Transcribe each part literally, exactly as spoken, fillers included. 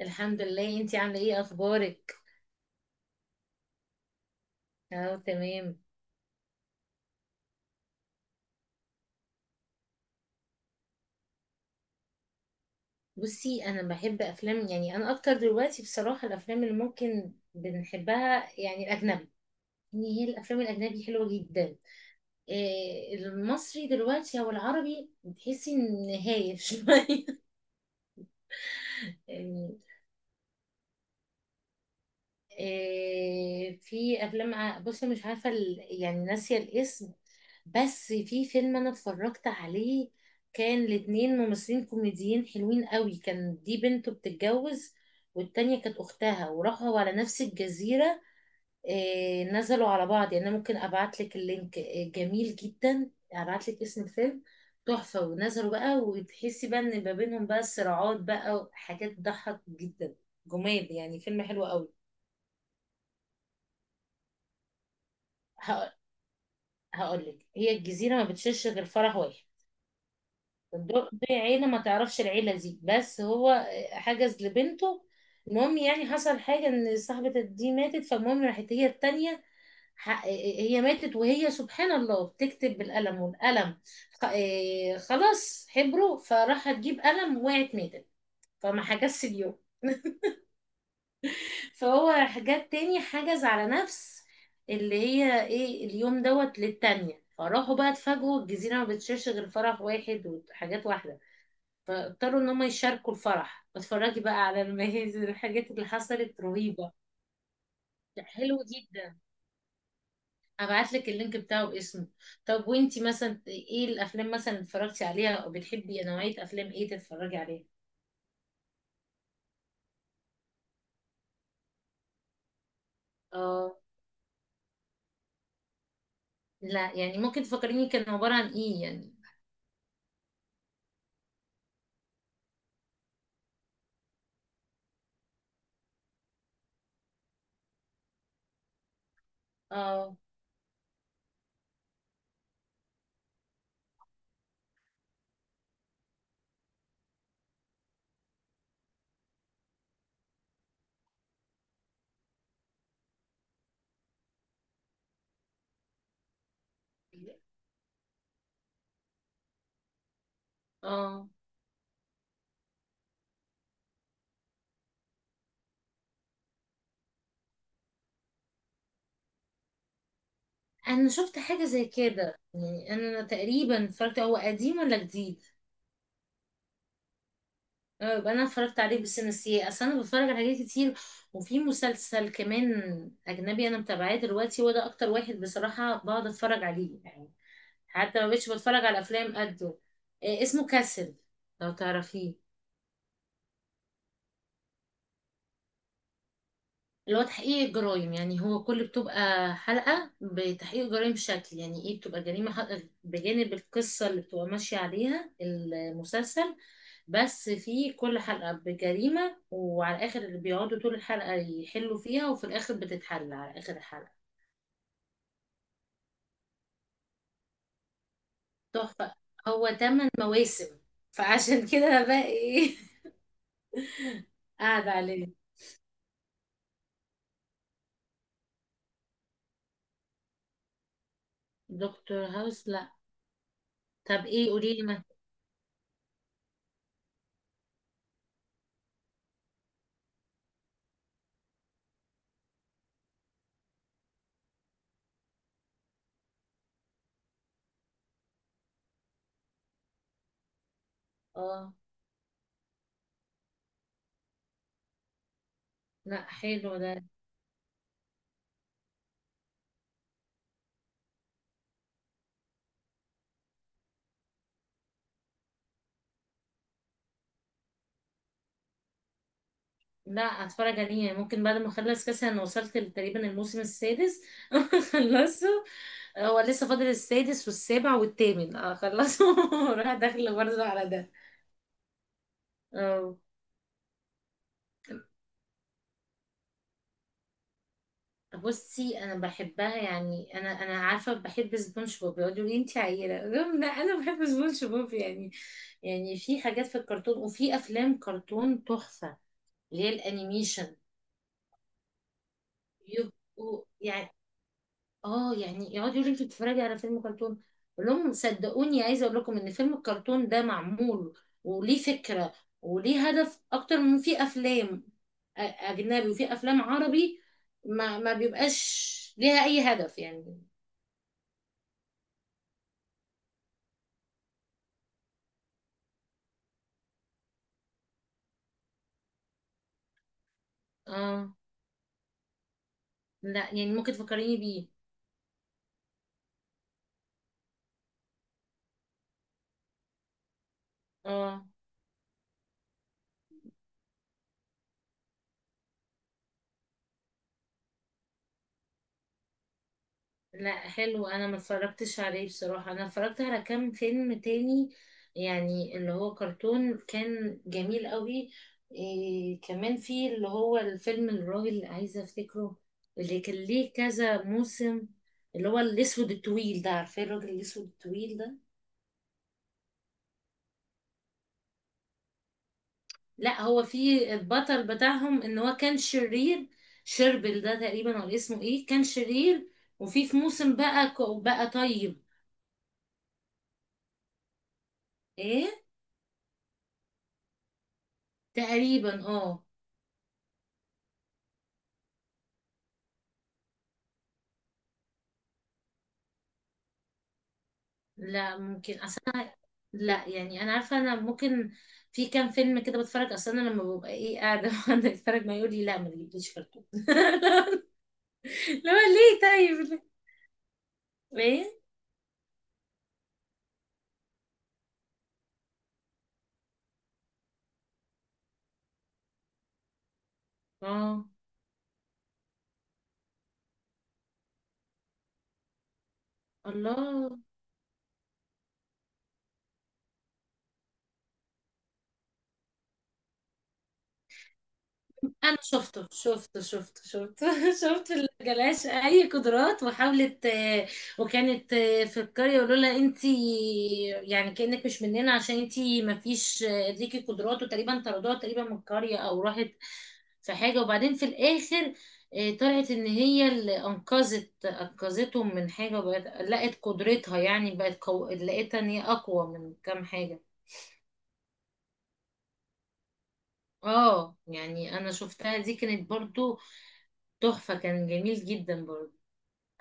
الحمد لله. انتي عامله ايه؟ اخبارك؟ اه، تمام. بصي، انا بحب افلام، يعني انا اكتر دلوقتي بصراحه الافلام اللي ممكن بنحبها يعني الاجنبي. يعني هي الافلام الاجنبي حلوه جدا. إيه المصري دلوقتي او العربي بتحسي ان هايف شويه، يعني. آه، في افلام ع- بصي مش عارفه ال- يعني ناسيه الاسم. بس في فيلم انا اتفرجت عليه، كان الاتنين ممثلين كوميديين حلوين قوي، كان دي بنته بتتجوز والتانية كانت أختها، وراحوا على نفس الجزيرة. آه، نزلوا على بعض، يعني أنا ممكن أبعتلك اللينك. آه، جميل جدا، أبعتلك اسم الفيلم. تحفة، ونزلوا بقى وتحسي بقى إن ما بينهم بقى صراعات بقى وحاجات تضحك جدا. جمال، يعني فيلم حلو قوي. هقول لك، هي الجزيرة ما بتشيلش غير فرح واحد. الدق دي عيلة ما تعرفش، العيلة دي بس هو حجز لبنته. المهم، يعني حصل حاجة ان صاحبة دي ماتت، فالمهم راحت هي التانية. ح- هي ماتت، وهي سبحان الله بتكتب بالقلم، والقلم خ- إيه، خلاص حبره، فراحت تجيب قلم، وقعت ماتت. فما حجزش اليوم فهو حاجات تاني حجز على نفس اللي هي ايه اليوم دوت للتانية، فراحوا بقى اتفاجئوا الجزيرة ما بتشيرش غير فرح واحد وحاجات واحدة، اضطروا ان هم يشاركوا الفرح. اتفرجي بقى على المهازل، الحاجات اللي حصلت رهيبة. ده حلو جدا، هبعتلك اللينك بتاعه باسمه. طب وانتي مثلا ايه الافلام مثلا اللي اتفرجتي عليها؟ او بتحبي نوعية افلام ايه تتفرجي عليها؟ اه، لا يعني ممكن تفكريني كان عبارة عن ايه يعني؟ اه، اه. انا شفت حاجه زي كده، يعني انا تقريبا اتفرجت. هو قديم ولا جديد؟ أه، يبقى انا اتفرجت عليه بس نسيه، اصل انا بتفرج على حاجات كتير. وفي مسلسل كمان اجنبي انا متابعاه دلوقتي، هو ده اكتر واحد بصراحه بقعد اتفرج عليه يعني، حتى ما بقتش بتفرج على افلام قده. آه، اسمه كاسل، لو تعرفيه. اللي هو تحقيق الجرائم، يعني هو كل بتبقى حلقة بتحقيق جرائم شكل يعني ايه، بتبقى جريمة حق- بجانب القصة اللي بتبقى ماشية عليها المسلسل. بس في كل حلقة بجريمة، وعلى الآخر اللي بيقعدوا طول الحلقة يحلوا فيها، وفي الآخر بتتحل على آخر الحلقة. تحفة. هو تمن مواسم، فعشان كده أنا بقى ايه، قاعدة عليه. دكتور هاوس؟ لا. طب ايه؟ قوليلي ما. اه، لا حلو ده. لا، اتفرج عليه يعني ممكن بعد ما اخلص كاس. انا وصلت تقريبا الموسم السادس خلصه. هو لسه فاضل السادس والسابع والثامن اخلصه، وراح داخله برضه على ده. اه. بصي انا بحبها، يعني انا انا عارفه بحب سبونج بوب، يقولوا لي انت عيله، أقول لهم لا انا بحب سبونج بوب يعني. يعني في حاجات في الكرتون، وفي افلام كرتون تحفه، اللي هي الانيميشن. يبقوا يعني، اه يعني يقعدوا يقولوا انت بتتفرجي على فيلم كرتون، اقول لهم صدقوني، عايزه اقول لكم ان فيلم الكرتون ده معمول وليه فكره وليه هدف اكتر من في افلام أ- اجنبي وفي افلام عربي، ما ما بيبقاش ليها اي هدف يعني. اه، لا يعني ممكن تفكريني بيه؟ اه، لا حلو. انا ما اتفرجتش عليه بصراحة. انا اتفرجت على كام فيلم تاني، يعني اللي هو كرتون كان جميل قوي. إيه كمان في اللي هو الفيلم، الراجل اللي عايزة افتكره، اللي كان ليه كذا موسم، اللي هو الاسود الطويل ده، عارفين الراجل الاسود الطويل ده؟ لا هو في البطل بتاعهم ان هو كان شرير. شربل ده تقريبا، ولا اسمه ايه، كان شرير، وفي في موسم بقى بقى طيب. ايه؟ تقريبا، اه. لا، ممكن اصلا. لا يعني انا عارفه، انا ممكن في كام فيلم كده بتفرج، اصلا انا لما ببقى ايه قاعده وانا بتفرج، ما يقول لي لا ما تجيبليش فرق لا، ليه طيب؟ ليه إيه؟ اه، الله. انا شفته شفته شفته شفته شفت اللي جالهاش اي قدرات وحاولت. آه، وكانت آه، في القريه يقولوا لها انتي يعني كانك مش مننا، عشان انتي ما فيش آه، ليكي قدرات، وتقريبا طردوها تقريبا من القريه، او راحت في حاجه، وبعدين في الاخر آه، طلعت ان هي اللي انقذت انقذتهم من حاجه، وبقت لقت قدرتها، يعني بقت قو... لقيتها ان هي اقوى من كام حاجه. اه، يعني انا شفتها دي كانت برضو تحفة، كان جميل جدا برضه.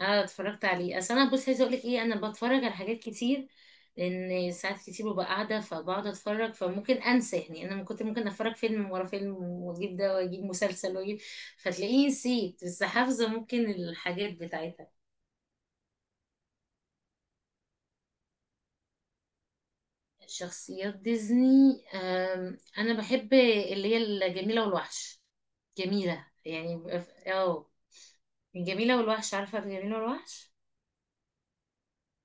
انا اتفرجت عليه، اصل انا بص عايزه اقول لك ايه، انا بتفرج على حاجات كتير، لان ساعات كتير ببقى قاعده فبقعد اتفرج، فممكن انسى. يعني انا كنت ممكن اتفرج فيلم ورا فيلم، واجيب ده واجيب مسلسل واجيب، فتلاقيني نسيت، بس حافظه ممكن الحاجات بتاعتها. شخصيات ديزني؟ أم، انا بحب اللي هي الجميله والوحش. جميله، يعني بيبقى في- اه الجميله والوحش، عارفه الجميله والوحش؟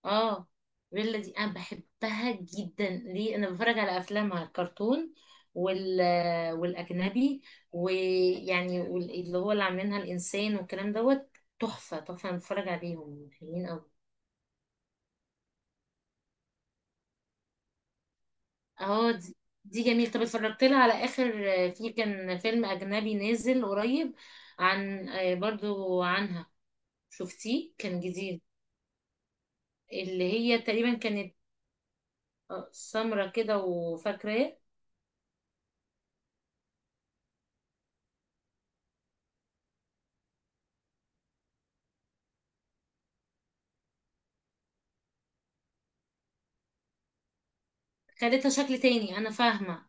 اه. بيلا دي انا بحبها جدا، ليه انا بتفرج على افلامها الكرتون وال والاجنبي، ويعني وال- اللي هو اللي عاملينها الانسان والكلام دوت. تحفه تحفه، انا بتفرج عليهم حلوين قوي. اه دي, دي, جميل. طب اتفرجت لها على اخر آه، في كان فيلم اجنبي نازل قريب عن، آه، برضو عنها، شفتيه كان جديد؟ اللي هي تقريبا كانت آه، سمرة كده، وفاكراه. خدتها شكل تاني، انا فاهمه.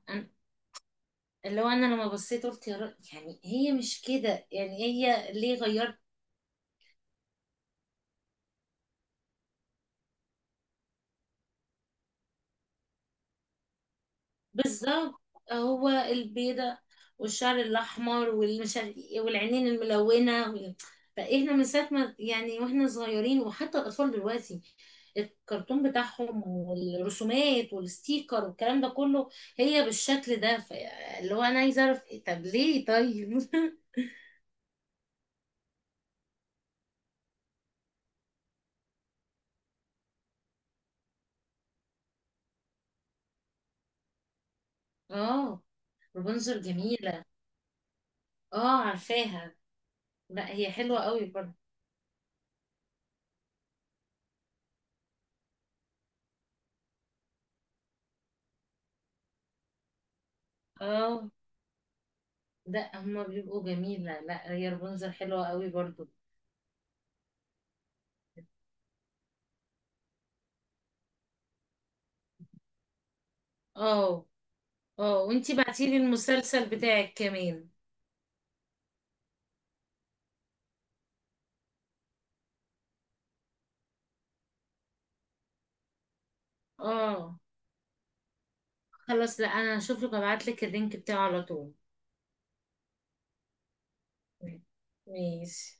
اللي هو انا لما بصيت قلت يا رب، يعني هي مش كده، يعني هي ليه غيرت؟ بالظبط. هو البيضة والشعر الاحمر والمش عارف إيه والعينين الملونة وال... فاحنا من ساعة ما، يعني واحنا صغيرين وحتى الاطفال دلوقتي، الكرتون بتاعهم والرسومات والستيكر والكلام ده كله هي بالشكل ده ف- اللي هو انا عايزه اعرف إيه، طب ليه طيب. اه. رابنزل جميلة، اه عارفاها. لا هي حلوة قوي برضه. اه، ده هما بيبقوا جميلة. لا هي رابنزل حلوة قوي برضو. اه، اه. وانتي بعتيلي المسلسل بتاعك كمان؟ اه، خلاص. لا انا هشوف لك، ابعت لك اللينك بتاعه على طول. ماشي.